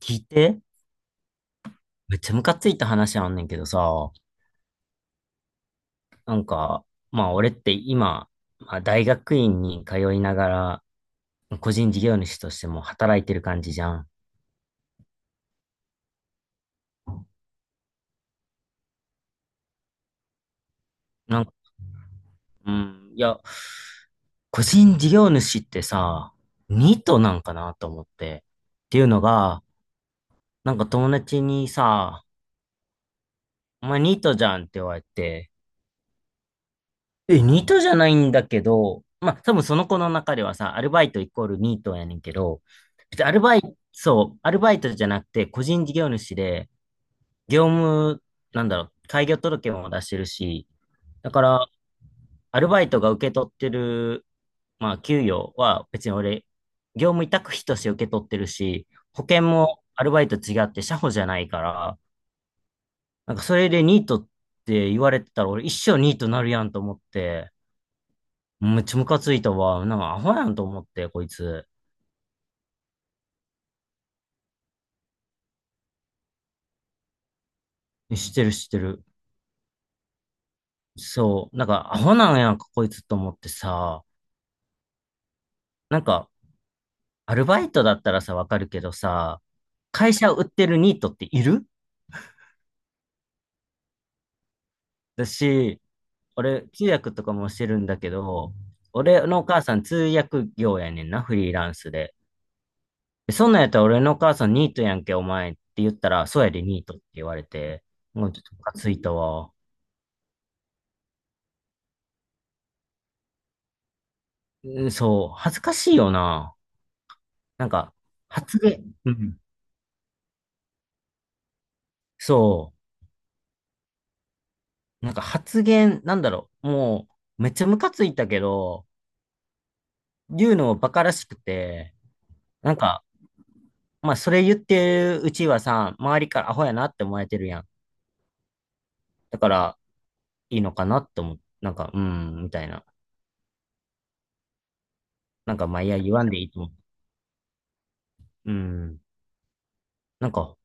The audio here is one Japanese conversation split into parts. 聞いて、めっちゃムカついた話あんねんけどさ、なんか、まあ俺って今、まあ、大学院に通いながら、個人事業主としても働いてる感じじゃん。なんか、うん、いや、個人事業主ってさ、ニートなんかなと思って。っていうのが、なんか友達にさ、お前ニートじゃんって言われて、え、ニートじゃないんだけど、まあ、多分その子の中ではさ、アルバイトイコールニートやねんけど、別にアルバイト、そう、アルバイトじゃなくて、個人事業主で、業務、なんだろう、開業届も出してるし、だから、アルバイトが受け取ってる、まあ、給与は別に俺、業務委託費として受け取ってるし、保険もアルバイト違って社保じゃないから、なんかそれでニートって言われてたら、俺一生ニートなるやんと思って、めっちゃムカついたわ。なんかアホやんと思って、こいつ。知ってる知ってる。そう。なんかアホなんやんか、こいつと思ってさ。なんか、アルバイトだったらさ、わかるけどさ、会社を売ってるニートっているだし、俺、通訳とかもしてるんだけど、俺のお母さん通訳業やねんな、フリーランスで。でそんなんやったら俺のお母さんニートやんけ、お前って言ったら、そうやでニートって言われて、もうちょっとムカついたわ。うん、そう、恥ずかしいよな。なんか、発言、うん。そう、なんか発言、なんだろう、もう、めっちゃムカついたけど、言うのもバカらしくて、なんか、まあ、それ言ってるうちはさ、周りからアホやなって思われてるやん。だから、いいのかなって思う。なんか、うん、みたいな。なんか、まあ、いや、言わんでいいと思う。うん。なんか、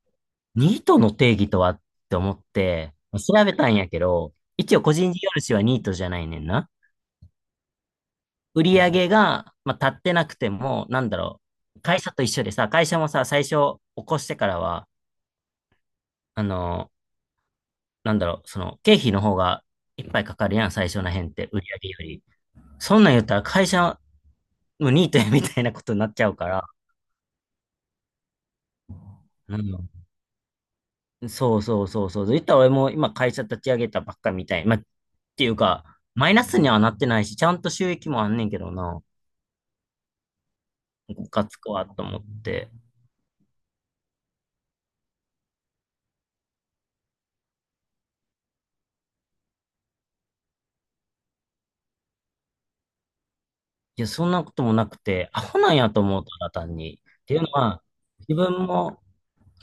ニートの定義とはって思って、調べたんやけど、一応個人事業主はニートじゃないねんな。売り上げが、まあ、立ってなくても、なんだろう、会社と一緒でさ、会社もさ、最初起こしてからは、あのー、なんだろう、その、経費の方がいっぱいかかるやん、最初の辺って、売り上げより。そんなん言ったら会社のニートやみたいなことになっちゃうから、うん、そうそうそうそう。言ったら俺も今会社立ち上げたばっかみたい。まあ、っていうか、マイナスにはなってないし、ちゃんと収益もあんねんけどな、ムカつくわと思って。いや、そんなこともなくて、アホなんやと思う、ただ単に。っていうのは、自分も、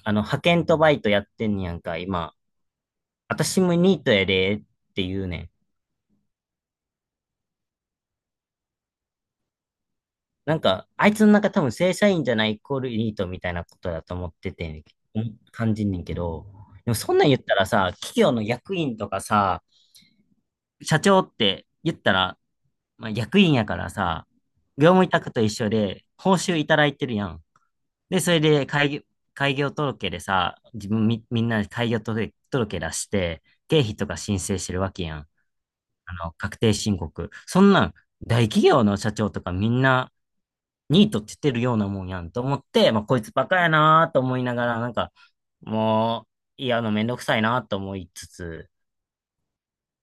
派遣とバイトやってんねやんか、今。私もニートやで、って言うねん。なんか、あいつの中多分正社員じゃないイコールニートみたいなことだと思ってて、うん、感じんねんけど、でもそんなん言ったらさ、企業の役員とかさ、社長って言ったら、まあ、役員やからさ、業務委託と一緒で報酬いただいてるやん。で、それで開業届でさ、自分み、みんなで開業届、届出して、経費とか申請してるわけやん。確定申告。そんなん、大企業の社長とかみんな、ニートって言ってるようなもんやんと思って、まあ、こいつバカやなーと思いながら、なんか、もう、いや、めんどくさいなーと思いつつ、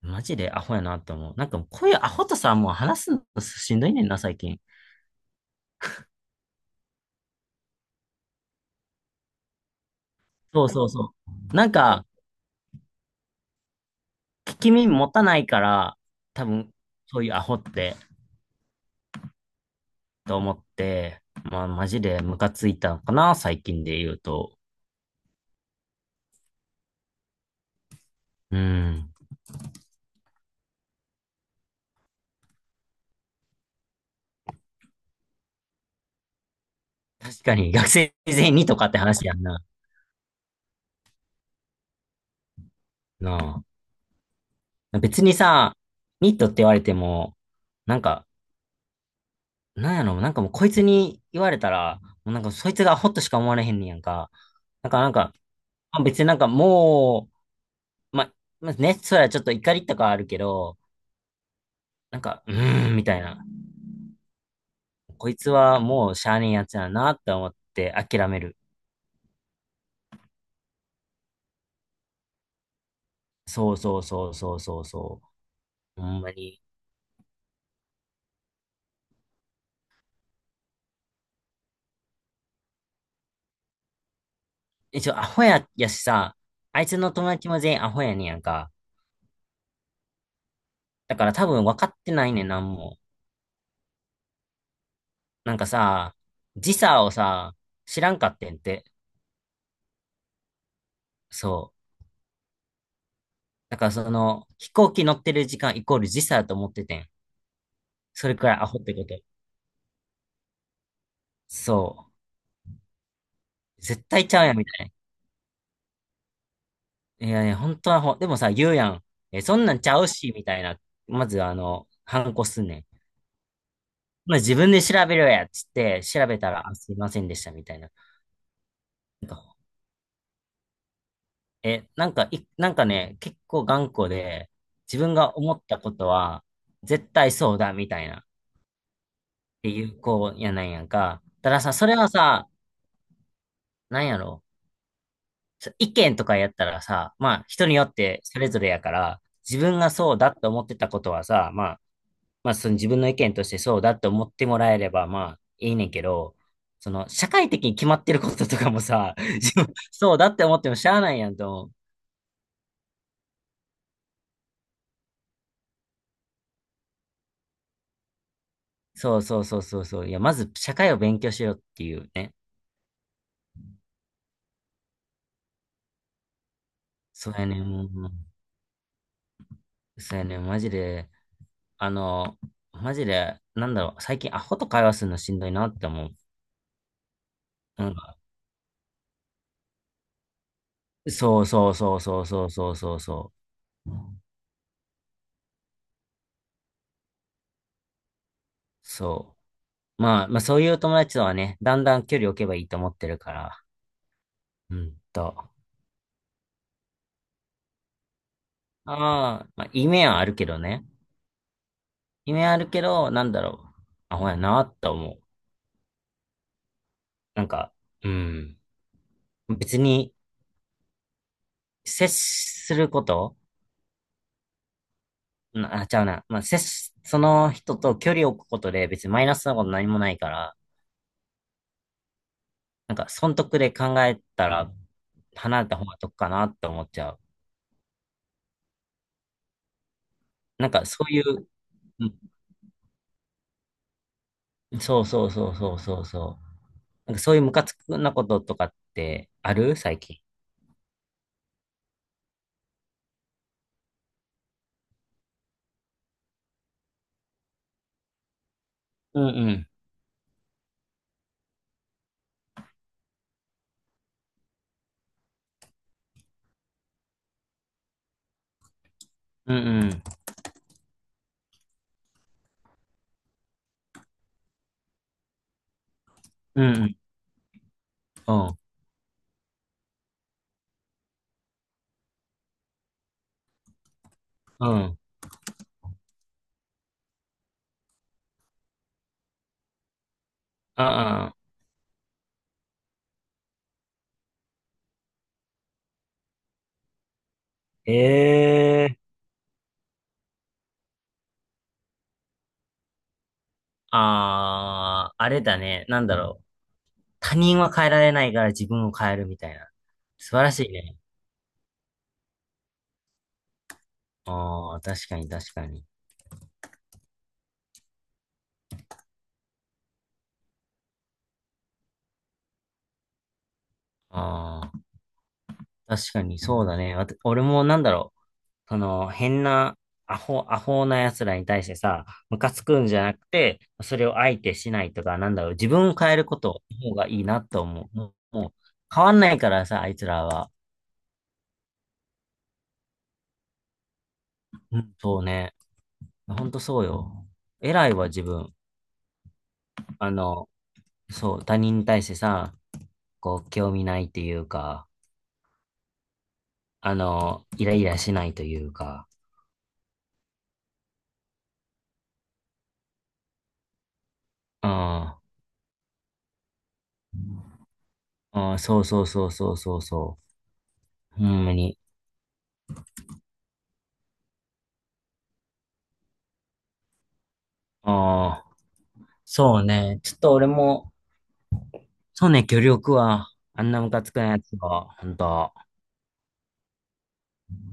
マジでアホやなと思う。なんか、こういうアホとさ、もう話すのしんどいねんな、最近。そうそうそう。なんか、聞き耳持たないから、多分、そういうアホって、と思って、まあ、マジでムカついたのかな、最近で言うと。うん。確かに、学生全員にとかって話やんな。なあ。別にさ、ニットって言われても、なんか、なんやろ、なんかもうこいつに言われたら、もうなんかそいつがアホっとしか思われへんねんやんか。なんか、なんか、まあ別になんかもう、まあ、まあね、そりゃちょっと怒りとかあるけど、なんか、うーん、みたいな。こいつはもうしゃあねえやつやなって思って諦める。そうそうそうそうそうそう。ほんまに。一応アホや、やしさ、あいつの友達も全員アホやねんやんか。だから多分分かってないねん、なんも。なんかさ、時差をさ、知らんかってんって。そう。だからその、飛行機乗ってる時間イコール時差だと思っててん。それくらいアホってこと。そう。絶対ちゃうやんみたいな。いやね、本当はでもさ、言うやん。え、そんなんちゃうし、みたいな。まず、反抗すんねん。まあ、自分で調べろや、つって、調べたら、あ、すいませんでした、みたいな。なんかなんか、なんかね、結構頑固で、自分が思ったことは、絶対そうだ、みたいな、っていう子やなんやんか。たださ、それはさ、なんやろ、意見とかやったらさ、まあ、人によってそれぞれやから、自分がそうだって思ってたことはさ、まあ、まあ、その自分の意見としてそうだって思ってもらえれば、まあ、いいねんけど、その、社会的に決まってることとかもさ、自分、そうだって思ってもしゃあないやんと思う。そうそうそうそうそう。いや、まず社会を勉強しようっていうね。そうやねん。もうそうやねん。マジで、あの、マジで、なんだろう、最近アホと会話するのしんどいなって思う。なんか、そうそうそうそうそうそうそうそう。そう。まあ、まあそういう友達とはね、だんだん距離を置けばいいと思ってるから。うんと。ああ、まあ、夢はあるけどね。夢はあるけど、なんだろう。あ、ほやなって思う。なんか、うん。別に、接すること、なあ、ちゃうな。まあ、その人と距離を置くことで別にマイナスなこと何もないから、なんか、損得で考えたら、離れた方が得かなって思っちゃう。なんか、そういう、うん、そうそうそうそうそうそう。なんか、そういうムカつくなこととかってある最近。うんうん。うんうん。うんうん。うん。うん、ああ、ええ、ああ、あれだね。なんだろう。他人は変えられないから自分を変えるみたいな。素晴らしいね。ああ、確かに確かに。ああ、確かにそうだね。俺もなんだろう。その、変な、アホ、アホな奴らに対してさ、ムカつくんじゃなくて、それを相手しないとか、なんだろう。自分を変えることの方がいいなと思う。もう、もう変わんないからさ、あいつらは。うん、そうね。ほんとそうよ。偉いわ、自分。あの、そう、他人に対してさ、こう、興味ないっていうか、イライラしないというか、うん、うん、そうそうそうそうそうそう、ほんまに。ああ、そうね、ちょっと俺も、そうね、協力は、あんなムカつくなやつは、ほんと。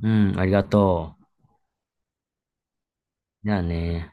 うん、ありがとう。じゃあね。